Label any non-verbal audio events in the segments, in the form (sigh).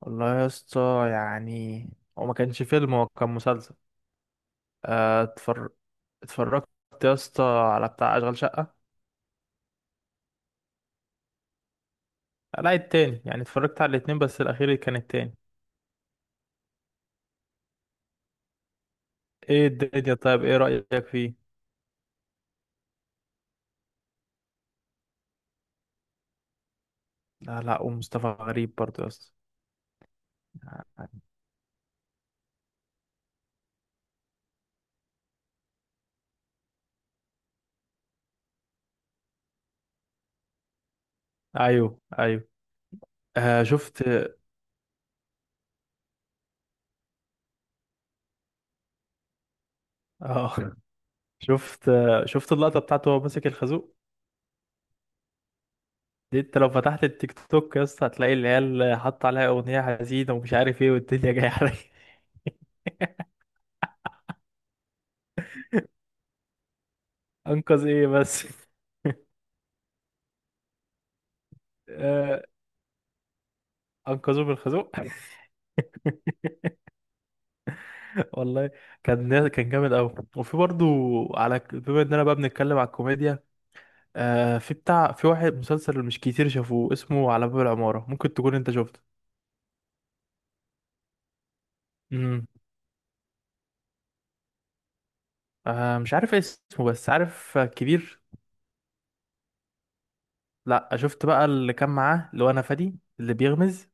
والله يا اسطى، هو ما كانش فيلم، هو كان مسلسل. آه، اتفر... اتفرجت يا اسطى على بتاع اشغال شقة. آه، لا التاني، اتفرجت على الاتنين بس الاخير كان التاني. ايه الدنيا؟ طيب ايه رأيك فيه؟ لا لا، ومصطفى غريب برضه يا اسطى. ايوه ايوه. آه شفت. اه (laughs) شفت، آه، شفت اللقطة بتاعته وهو ماسك الخازوق. دي انت لو فتحت التيك توك يا اسطى هتلاقي العيال حاطة عليها اغنية حزينة ومش عارف ايه والدنيا جاية عليا. (laughs) انقذ ايه بس؟ (laughs) آه، انقذوه من الخازوق. (laughs) والله كان جامد قوي. وفي برضو، على بما اننا بقى بنتكلم على الكوميديا، آه في بتاع، في واحد مسلسل مش كتير شافوه اسمه على باب العمارة، ممكن تكون انت شفته. امم. آه مش عارف اسمه، بس عارف كبير. لا، شفت بقى اللي كان معاه، اللي هو انا فادي اللي بيغمز.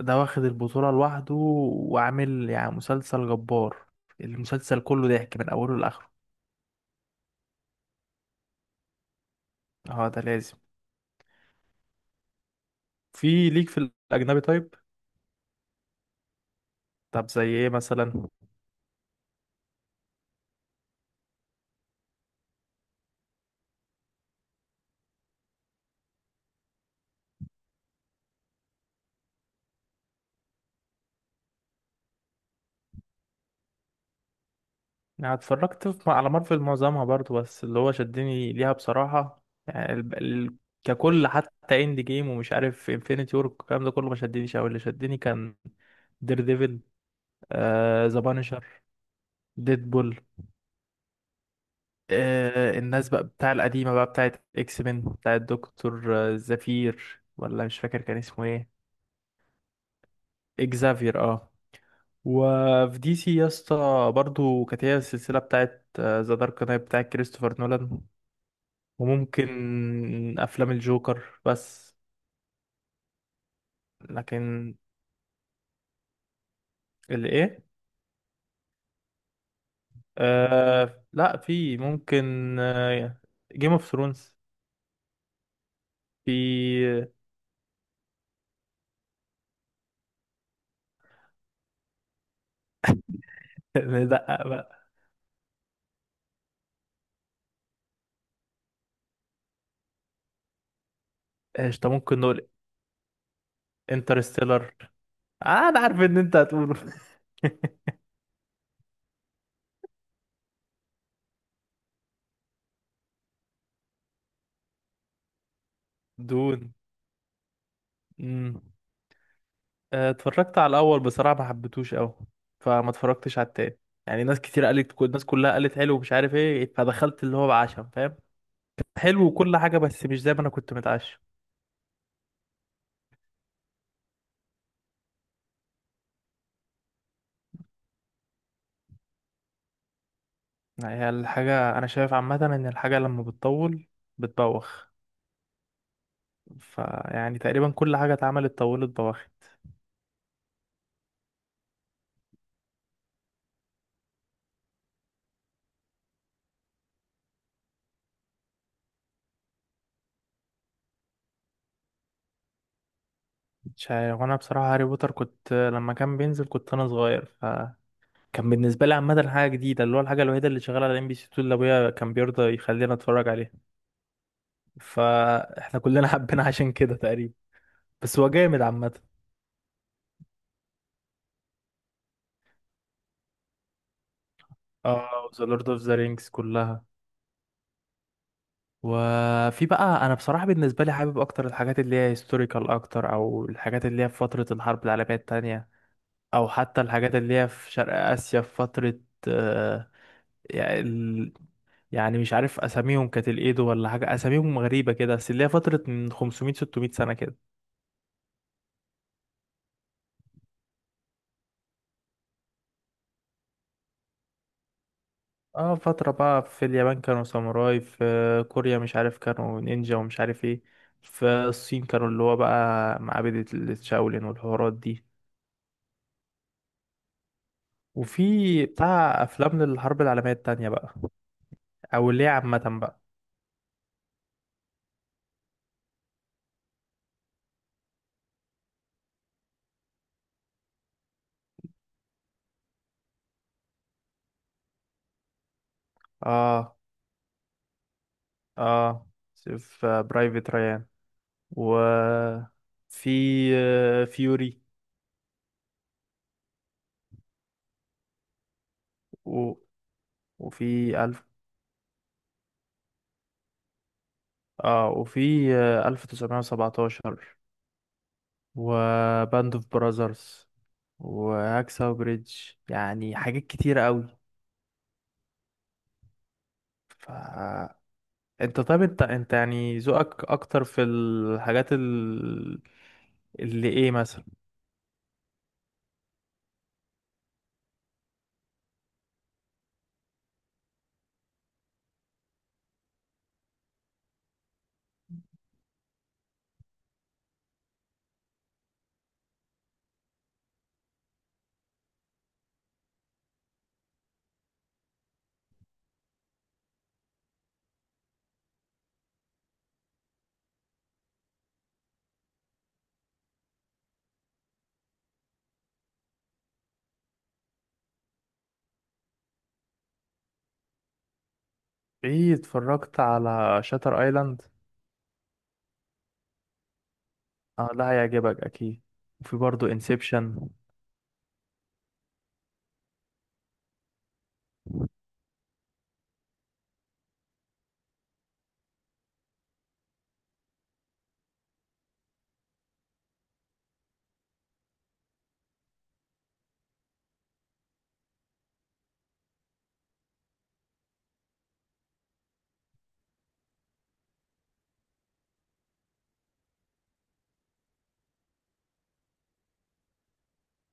ده واخد البطولة لوحده، وعامل مسلسل جبار. المسلسل كله ضحك من اوله لاخره. اه ده لازم. في ليك في الاجنبي طيب؟ طب زي ايه مثلا؟ اتفرجت على مارفل معظمها برضو، بس اللي هو شدني ليها بصراحة، ككل، حتى اند جيم ومش عارف انفينيتي وور، الكلام ده كله ما شدنيش أوي. اللي شدني كان دير ديفل، آه ذا بانشر، ديدبول، آه الناس بقى بتاع القديمة، بقى بتاعت اكس مان، بتاعت دكتور آه، زفير، ولا مش فاكر كان اسمه ايه. اكزافير اه. وفي دي سي يا اسطى، برضه كانت هي السلسلة بتاعت ذا دارك نايت بتاعت كريستوفر نولان، وممكن افلام الجوكر بس. لكن الايه؟ آه لا، في ممكن جيم اوف ثرونز. في (laughs) ندقق بقى. ايش ده ممكن نقول؟ انترستيلر. آه انا عارف ان انت هتقوله. (laughs) دون. مم. آه، اتفرجت على الاول بصراحه، ما حبيتهوش قوي، فما اتفرجتش على التاني. ناس كتير قالت، كل الناس كلها قالت حلو ومش عارف ايه، فدخلت اللي هو بعشم، فاهم، حلو وكل حاجه، بس مش زي ما انا كنت متعشم. هي الحاجة أنا شايف عامة إن الحاجة لما بتطول بتبوخ. تقريبا كل حاجة اتعملت طولت بوخت. مش عارف، وأنا بصراحة هاري بوتر كنت لما كان بينزل كنت أنا صغير، فكان بالنسبة لي عامة حاجة جديدة، اللي هو الحاجة الوحيدة اللي شغالة على ام بي سي 2 اللي أبويا كان بيرضى يخلينا نتفرج عليها، فاحنا كلنا (laughs) حبينا عشان كده تقريبا. بس هو جامد عامة. اه ذا لورد اوف ذا رينجز كلها. وفي بقى انا بصراحه بالنسبه لي حابب اكتر الحاجات اللي هي هيستوريكال اكتر، او الحاجات اللي هي في فتره الحرب العالميه التانية، او حتى الحاجات اللي هي في شرق اسيا في فتره آه، يعني ال- مش عارف اساميهم، كانت الايدو ولا حاجه، اساميهم غريبه كده، بس اللي هي فتره من 500 600 سنه كده. اه فتره بقى في اليابان كانوا ساموراي، في كوريا مش عارف كانوا نينجا ومش عارف ايه، في الصين كانوا اللي هو بقى معابد الشاولين والحوارات دي. وفي بتاع افلام للحرب العالميه التانية بقى، او اللي هي عامه بقى. اه اه، في برايفت ريان، و في آه، فيوري، و... وفي الف اه وفي آه، 1917، وباند اوف براذرز، وهاكساو بريدج. يعني حاجات كتيرة قوي. ف انت طيب، انت ذوقك اكتر في الحاجات اللي ايه مثلا؟ ايه، اتفرجت على شاتر ايلاند؟ اه ده هيعجبك اكيد. وفي برضه انسبشن.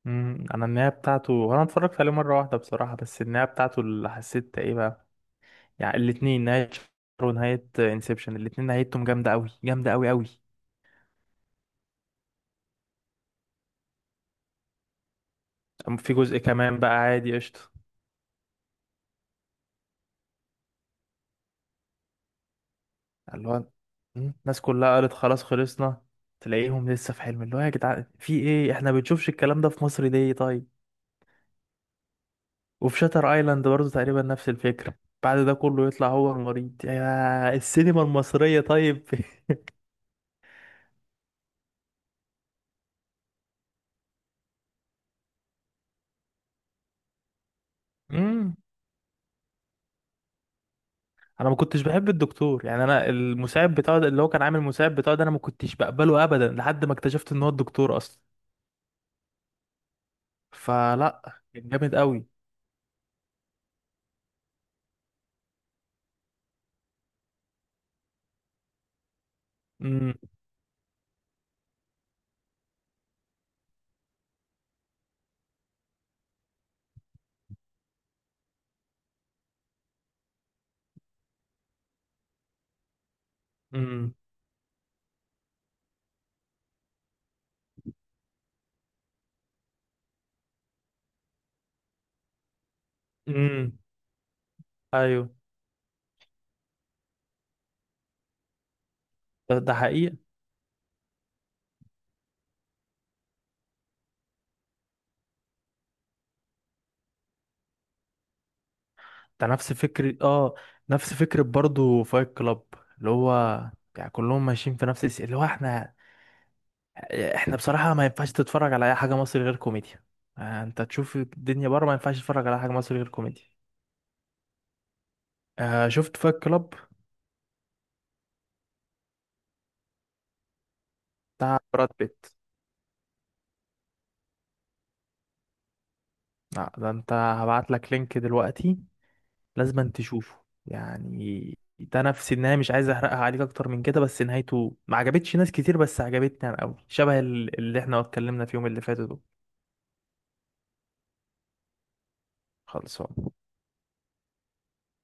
امم، انا النهايه بتاعته هو، انا اتفرجت عليه مره واحده بصراحه، بس النهايه بتاعته اللي حسيت ايه بقى، الاتنين، نهايه شاتر ونهايه انسبشن، الاتنين نهايتهم جامده قوي، جامده قوي قوي. أم، في جزء كمان بقى عادي قشطه. اللي هو مم، الناس كلها قالت خلاص خلصنا، تلاقيهم لسه في حلم. اللي هو يا جدعان في ايه، احنا بنشوفش الكلام ده في مصر ليه طيب؟ وفي شاتر ايلاند برضه تقريبا نفس الفكرة، بعد ده كله يطلع هو المريض، يا السينما المصرية طيب. (laughs) امم، انا ما كنتش بحب الدكتور، يعني انا المساعد بتاعه ده، اللي هو كان عامل المساعد بتاعه ده، انا ما كنتش بقبله ابدا لحد ما اكتشفت ان هو الدكتور اصلا. فلا كان جامد قوي. امم امم امم. ايوه. ده حقيقة. ده نفس فكرة اه، نفس فكرة برضه فايت كلاب. اللي هو يعني كلهم ماشيين في نفس اللي هو احنا بصراحة ما ينفعش تتفرج على اي حاجة مصري غير كوميديا. آه، انت تشوف الدنيا بره، ما ينفعش تتفرج على حاجة مصري غير كوميديا. آه، شفت فايت كلاب؟ بتاع براد بيت. لا ده انت هبعت لك لينك دلوقتي، لازم أن تشوفه. يعني ده نفس النهاية، مش عايز احرقها عليك اكتر من كده، بس نهايته ما عجبتش ناس كتير، بس عجبتني انا قوي، شبه اللي احنا اتكلمنا فيهم اللي فاتوا دول. خلصان